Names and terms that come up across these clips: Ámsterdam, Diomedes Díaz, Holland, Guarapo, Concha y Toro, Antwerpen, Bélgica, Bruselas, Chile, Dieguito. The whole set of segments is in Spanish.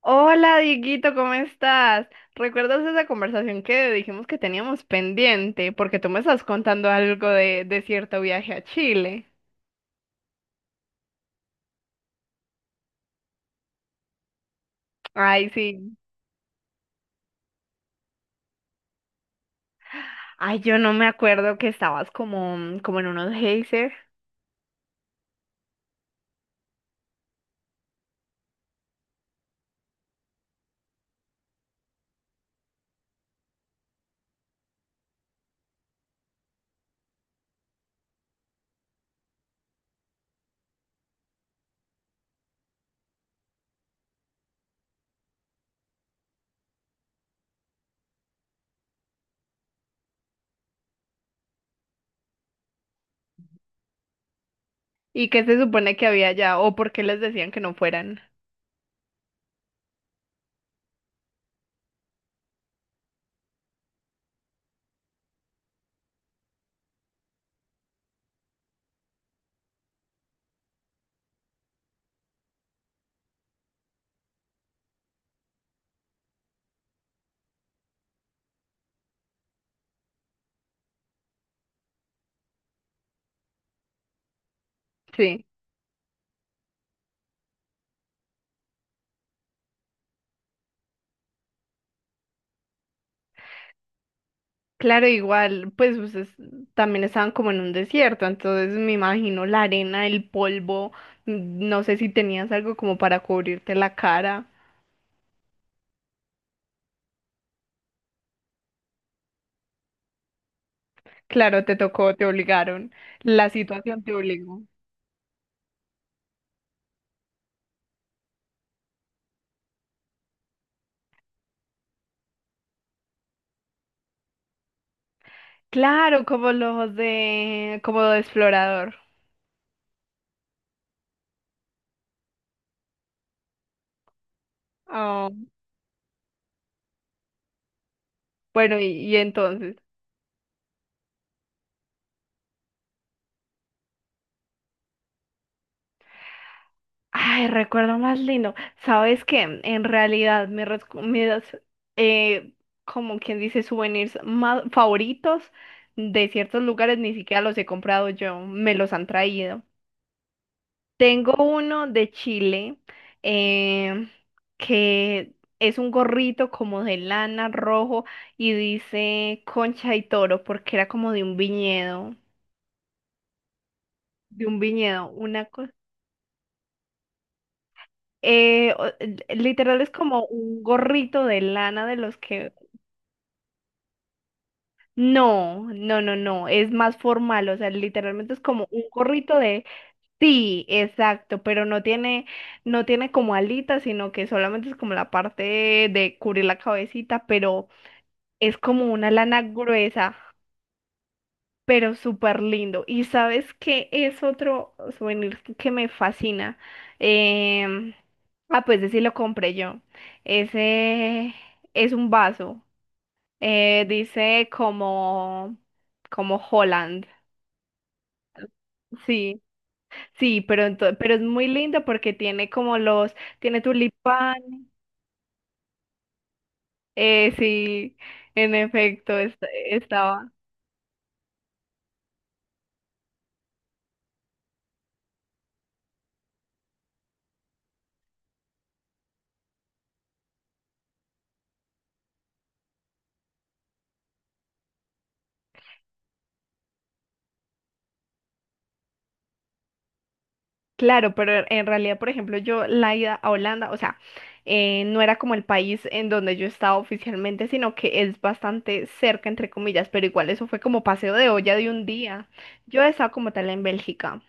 Hola, Dieguito, ¿cómo estás? ¿Recuerdas esa conversación que dijimos que teníamos pendiente? Porque tú me estás contando algo de cierto viaje a Chile. Ay, sí. Ay, yo no me acuerdo, que estabas como, como en unos geysers. ¿Y qué se supone que había allá? ¿O por qué les decían que no fueran? Sí. Claro, igual, pues ustedes también estaban como en un desierto, entonces me imagino la arena, el polvo, no sé si tenías algo como para cubrirte la cara. Claro, te tocó, te obligaron. La situación te obligó. Claro, como los de, como de explorador. Ah, bueno, y entonces. Ay, recuerdo más lindo. Sabes que en realidad mis, eh, como quien dice, souvenirs más favoritos de ciertos lugares ni siquiera los he comprado yo, me los han traído. Tengo uno de Chile, em, que es un gorrito como de lana rojo y dice Concha y Toro, porque era como de un viñedo, una cosa. Literal es como un gorrito de lana de los que... No, no, no, no, es más formal, o sea, literalmente es como un gorrito de. Sí, exacto, pero no tiene, no tiene como alitas, sino que solamente es como la parte de cubrir la cabecita, pero es como una lana gruesa, pero súper lindo. Y sabes que es otro souvenir que me fascina. Em, pues ese sí lo compré yo. Ese es un vaso. Dice como, como Holland. Sí. Sí, pero, pero es muy lindo porque tiene como los, tiene tulipán, sí, en efecto, estaba. Claro, pero en realidad, por ejemplo, yo la ida a Holanda, o sea, no era como el país en donde yo estaba oficialmente, sino que es bastante cerca, entre comillas, pero igual eso fue como paseo de olla de un día. Yo estaba como tal en Bélgica,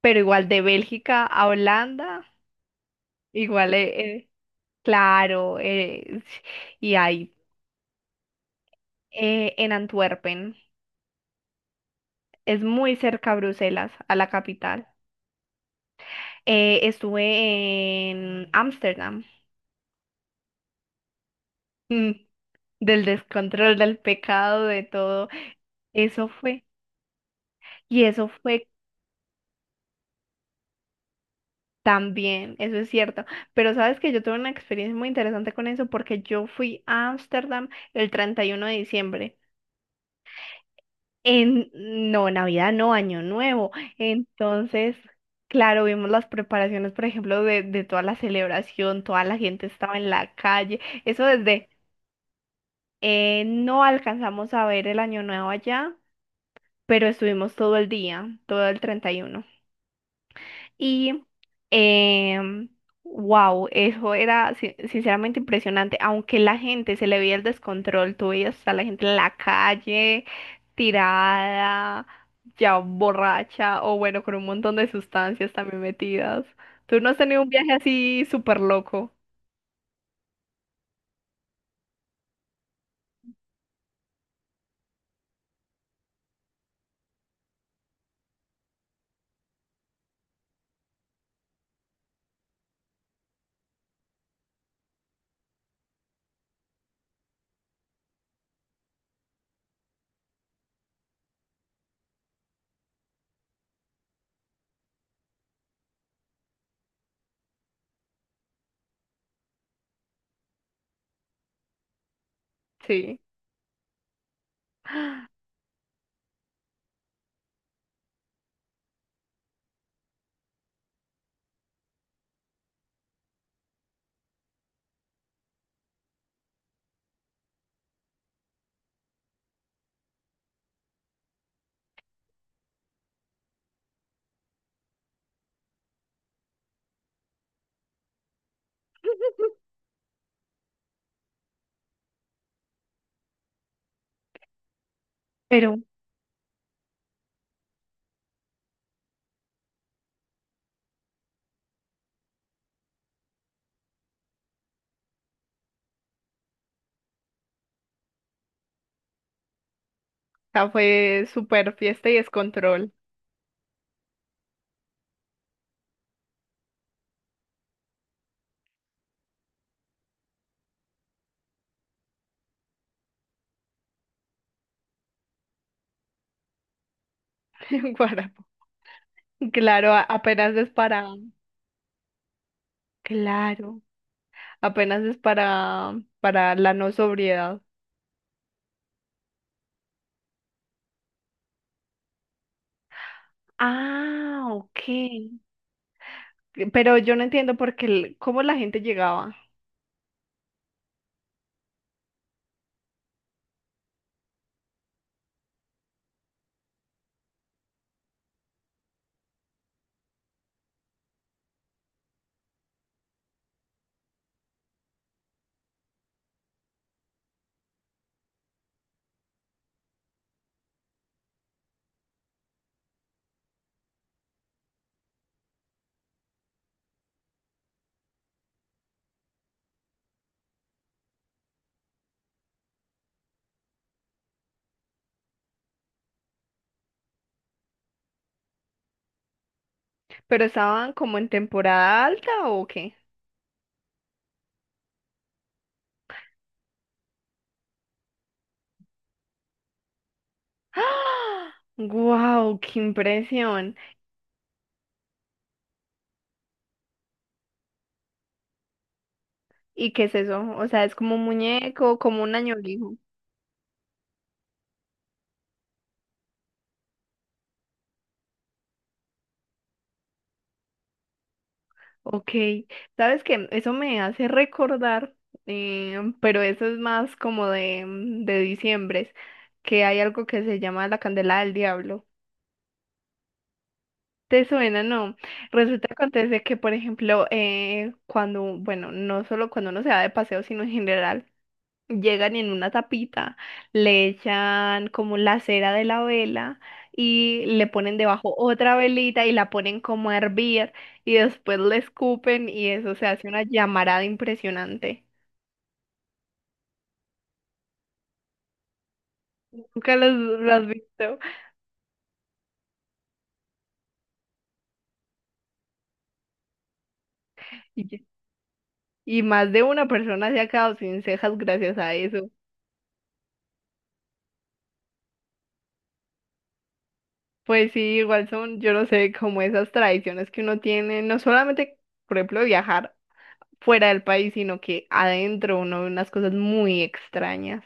pero igual de Bélgica a Holanda, igual, claro, y ahí, en Antwerpen. Es muy cerca a Bruselas, a la capital. Estuve en Ámsterdam. Mm, Del descontrol, del pecado, de todo. Eso fue. Y eso fue también, eso es cierto. Pero sabes que yo tuve una experiencia muy interesante con eso porque yo fui a Ámsterdam el 31 de diciembre. En, no, Navidad, no, Año Nuevo. Entonces, claro, vimos las preparaciones, por ejemplo, de toda la celebración, toda la gente estaba en la calle. Eso desde. No alcanzamos a ver el año nuevo allá, pero estuvimos todo el día, todo el 31. Y, uno. Y, wow, eso era sinceramente impresionante, aunque la gente se le veía el descontrol, tú veías a la gente en la calle, tirada, ya borracha, o bueno, con un montón de sustancias también metidas. ¿Tú no has tenido un viaje así súper loco? Sí. Pero, o sea, fue súper fiesta y descontrol. Guarapo. Claro, apenas es para, claro, apenas es para la no sobriedad. Ah, ok. Pero yo no entiendo por qué, cómo la gente llegaba. ¿Pero estaban como en temporada alta o qué? ¡Ah! ¡Guau! ¡Qué impresión! ¿Y qué es eso? O sea, es como un muñeco, como un añolijo. Ok, sabes que eso me hace recordar, pero eso es más como de, de diciembre, que hay algo que se llama la candela del diablo. ¿Te suena? No. Resulta que acontece que, por ejemplo, cuando, bueno, no solo cuando uno se va de paseo, sino en general. Llegan y en una tapita, le echan como la cera de la vela y le ponen debajo otra velita y la ponen como a hervir, y después le escupen y eso se hace una llamarada impresionante. Nunca lo has visto. Y, y más de una persona se ha quedado sin cejas gracias a eso. Pues sí, igual son, yo no sé, como esas tradiciones que uno tiene, no solamente, por ejemplo, viajar fuera del país, sino que adentro uno ve unas cosas muy extrañas.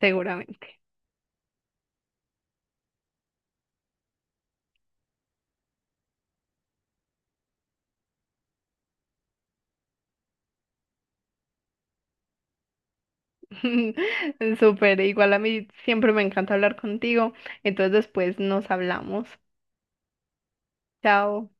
Seguramente. Súper, igual a mí siempre me encanta hablar contigo. Entonces después nos hablamos. Chao.